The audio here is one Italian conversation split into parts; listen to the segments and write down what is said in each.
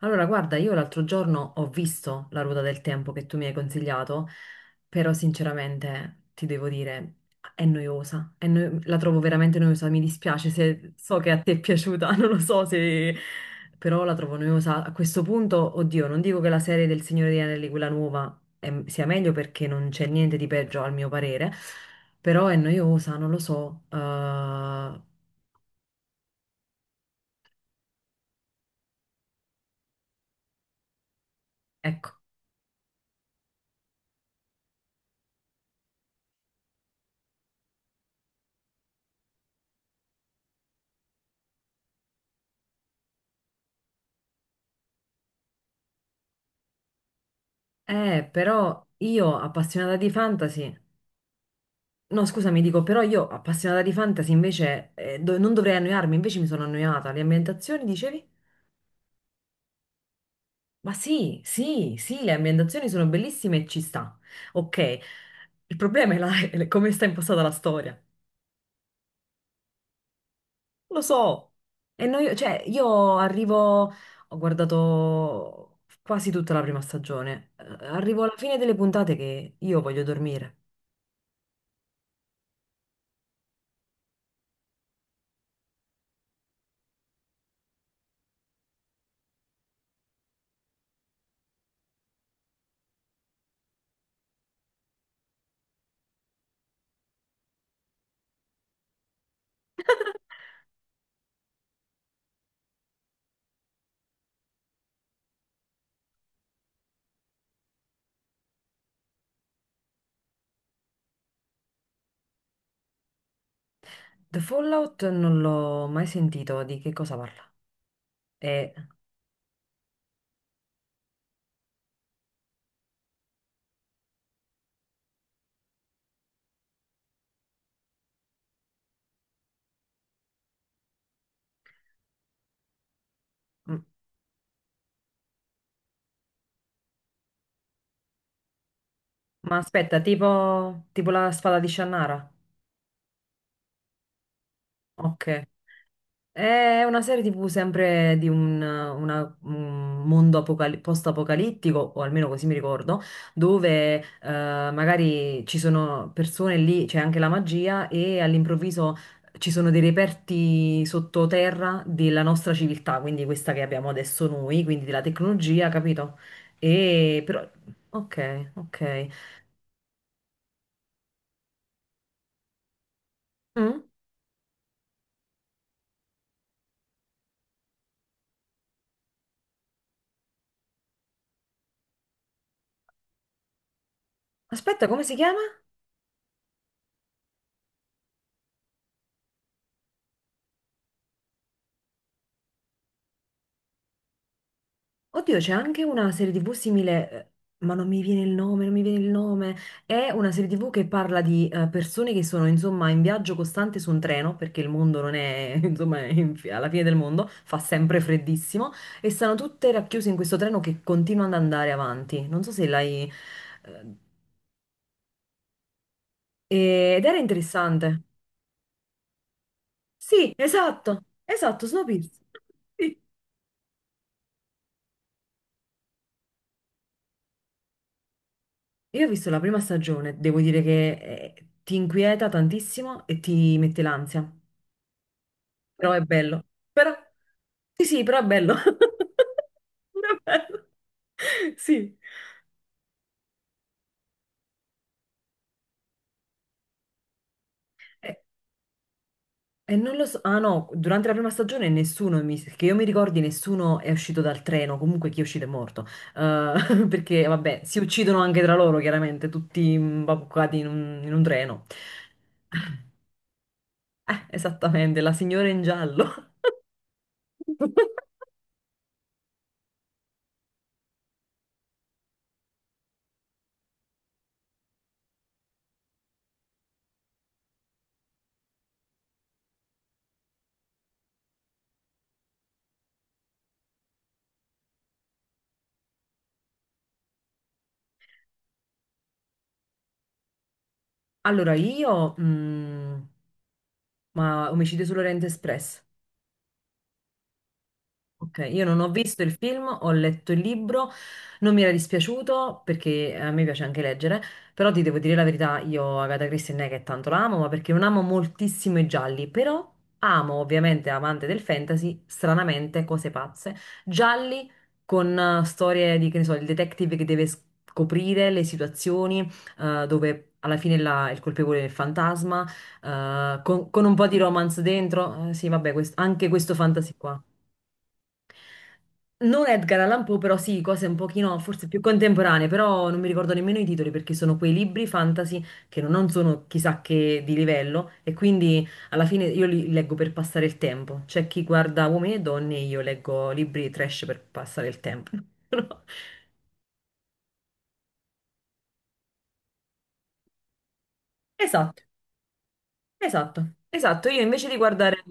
Allora, guarda, io l'altro giorno ho visto La Ruota del Tempo che tu mi hai consigliato, però sinceramente ti devo dire, è noiosa, la trovo veramente noiosa, mi dispiace, se so che a te è piaciuta, non lo so se... però la trovo noiosa. A questo punto, oddio, non dico che la serie del Signore degli Anelli, quella nuova, sia meglio, perché non c'è niente di peggio al mio parere, però è noiosa, non lo so. Ecco, però io appassionata di fantasy. No, scusami, dico, però io appassionata di fantasy invece non dovrei annoiarmi, invece mi sono annoiata. Le ambientazioni, dicevi? Ma sì, sì, sì, le ambientazioni sono bellissime e ci sta. Ok, il problema è, è come sta impostata la storia. Lo so. Cioè, io arrivo, ho guardato quasi tutta la prima stagione, eh, arrivo alla fine delle puntate che io voglio dormire. The Fallout non l'ho mai sentito, di che cosa parla? Eh, Ma aspetta, tipo la spada di Shannara? Ok. È una serie TV sempre di un mondo post-apocalittico, o almeno così mi ricordo, dove magari ci sono persone lì, c'è anche la magia, e all'improvviso ci sono dei reperti sottoterra della nostra civiltà, quindi questa che abbiamo adesso noi, quindi della tecnologia, capito? E però... Ok, ok. Mm? Aspetta, come si chiama? Oddio, c'è anche una serie TV simile, ma non mi viene il nome, non mi viene il nome. È una serie TV che parla di persone che sono, insomma, in viaggio costante su un treno, perché il mondo non è, insomma, è alla fine del mondo, fa sempre freddissimo, e stanno tutte racchiuse in questo treno che continua ad andare avanti. Non so se l'hai... eh, ed era interessante. Sì, esatto, esatto, Snowpiercer. Sì. Io ho visto la prima stagione, devo dire che eh, ti inquieta tantissimo e ti mette l'ansia. Però è bello. Però, sì, sì, però è bello. Però è bello. Sì. E, e non lo so. Ah no, durante la prima stagione nessuno, che io mi ricordi, nessuno è uscito dal treno. Comunque chi è uscito è morto. Perché, vabbè, si uccidono anche tra loro, chiaramente, tutti imbabuccati in un treno. Esattamente, la signora in giallo. Allora, io... mm, ma Omicidio sull'Oriente Express. Ok, io non ho visto il film, ho letto il libro, non mi era dispiaciuto perché a me piace anche leggere, però ti devo dire la verità, io Agatha Christie non è che tanto la amo, ma perché non amo moltissimo i gialli, però amo ovviamente, amante del fantasy, stranamente, cose pazze, gialli con storie di, che ne so, il detective che deve scoprire le situazioni, dove alla fine il colpevole è il fantasma, con un po' di romance dentro. Sì vabbè, anche questo fantasy qua. Non Edgar Allan Poe, però sì, cose un pochino forse più contemporanee, però non mi ricordo nemmeno i titoli, perché sono quei libri fantasy che non sono chissà che di livello, e quindi alla fine io li leggo per passare il tempo. C'è chi guarda Uomini e Donne, io leggo libri trash per passare il tempo. Esatto. Esatto, esatto. Io invece di guardare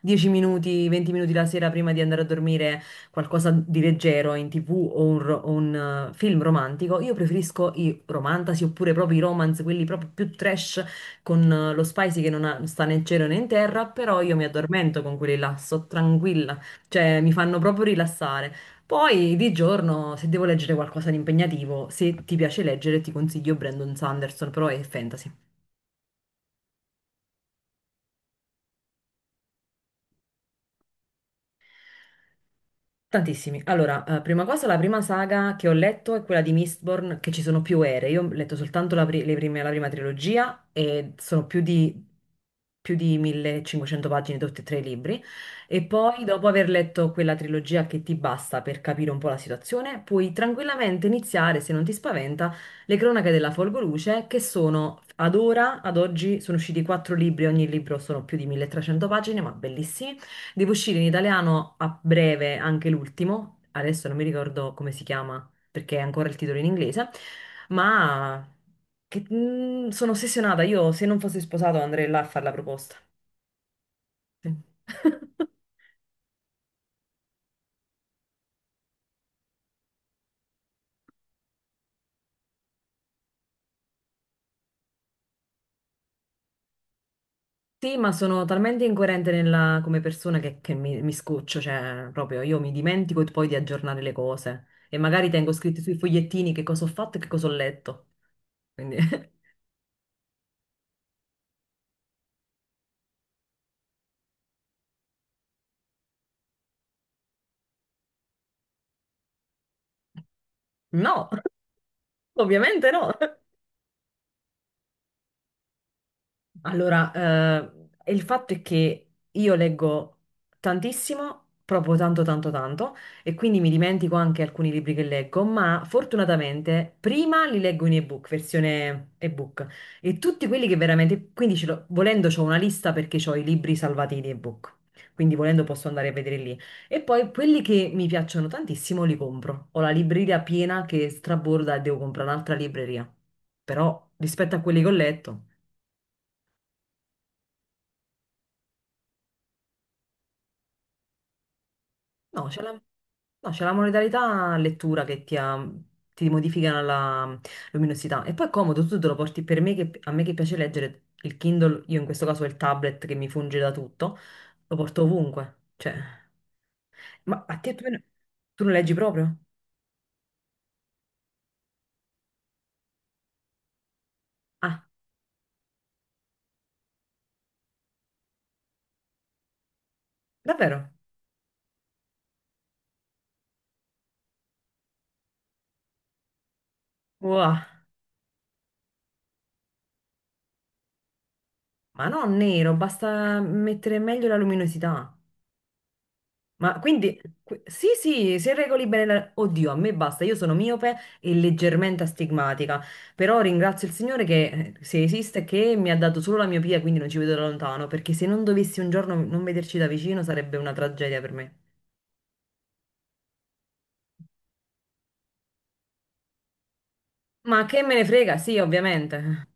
10 minuti, 20 minuti la sera prima di andare a dormire qualcosa di leggero in TV o un film romantico, io preferisco i romantasi oppure proprio i romance, quelli proprio più trash con lo spicy che non sta né in cielo né in terra, però io mi addormento con quelli là, sto tranquilla, cioè mi fanno proprio rilassare. Poi di giorno, se devo leggere qualcosa di impegnativo, se ti piace leggere, ti consiglio Brandon Sanderson, però è fantasy. Tantissimi. Allora, prima cosa, la prima saga che ho letto è quella di Mistborn, che ci sono più ere. Io ho letto soltanto la prima trilogia e sono più di 1.500 pagine tutti e tre i libri. E poi, dopo aver letto quella trilogia che ti basta per capire un po' la situazione, puoi tranquillamente iniziare, se non ti spaventa, Le Cronache della Folgoluce, che sono ad oggi, sono usciti quattro libri, ogni libro sono più di 1.300 pagine, ma bellissimi. Deve uscire in italiano a breve anche l'ultimo, adesso non mi ricordo come si chiama perché è ancora il titolo in inglese, ma mm, sono ossessionata, io se non fossi sposato andrei là a fare la proposta. Sì, sì, ma sono talmente incoerente come persona che mi scoccio, cioè proprio io mi dimentico poi di aggiornare le cose e magari tengo scritti sui fogliettini che cosa ho fatto e che cosa ho letto. Quindi no, ovviamente no. Allora, il fatto è che io leggo tantissimo, proprio tanto, tanto, tanto, e quindi mi dimentico anche alcuni libri che leggo, ma fortunatamente prima li leggo in ebook, versione ebook, e tutti quelli che veramente, quindi volendo ho una lista perché ho i libri salvati in ebook, quindi volendo posso andare a vedere lì. E poi quelli che mi piacciono tantissimo li compro. Ho la libreria piena che straborda e devo comprare un'altra libreria, però rispetto a quelli che ho letto... No, c'è la, no, c'è la modalità lettura che ti modifica la luminosità. E poi è comodo, tu te lo porti, per me che, a me che piace leggere, il Kindle, io in questo caso ho il tablet che mi funge da tutto, lo porto ovunque. Cioè, ma a te tu, tu non leggi proprio? Ah, davvero? Wow. Ma no, nero, basta mettere meglio la luminosità. Ma quindi, sì, sì, se regoli bene, oddio, a me basta, io sono miope e leggermente astigmatica, però ringrazio il Signore, che, se esiste, che mi ha dato solo la miopia, quindi non ci vedo da lontano, perché se non dovessi un giorno non vederci da vicino sarebbe una tragedia per me. Ma che me ne frega, sì, ovviamente.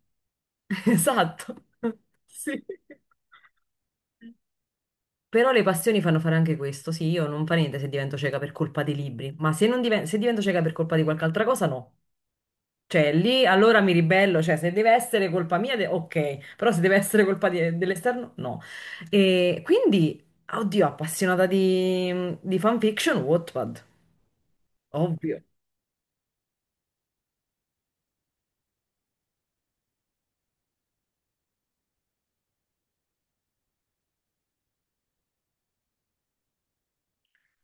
Esatto. Sì. Però le passioni fanno fare anche questo, sì, io non fa niente se divento cieca per colpa dei libri, ma se divento cieca per colpa di qualche altra cosa, no. Cioè, lì allora mi ribello, cioè se deve essere colpa mia, ok, però se deve essere colpa dell'esterno, no. E quindi, oddio, appassionata di fanfiction, Wattpad, ovvio.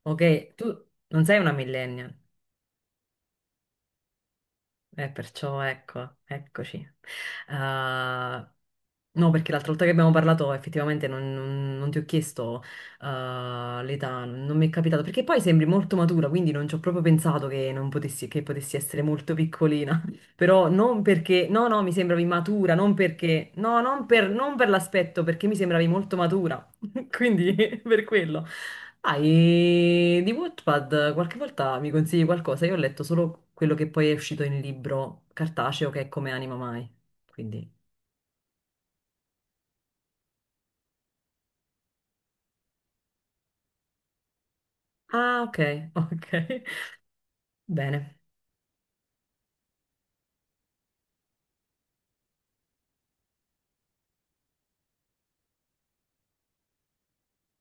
Ok, tu non sei una millennial. Perciò ecco, eccoci. Ah, no, perché l'altra volta che abbiamo parlato effettivamente non ti ho chiesto ah, l'età, non mi è capitato, perché poi sembri molto matura, quindi non ci ho proprio pensato che non potessi, che potessi essere molto piccolina. Però non perché, no, no, mi sembravi matura, non perché, no, non per l'aspetto, perché mi sembravi molto matura. Quindi per quello. Ah, e di Wattpad qualche volta mi consigli qualcosa? Io ho letto solo quello che poi è uscito in libro cartaceo che è Come Anima Mai. Quindi. Ah, ok, ok. Bene.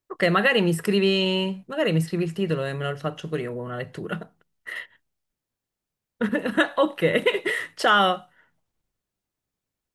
Ok, magari mi scrivi il titolo e me lo faccio pure io con una lettura. Ok, ciao.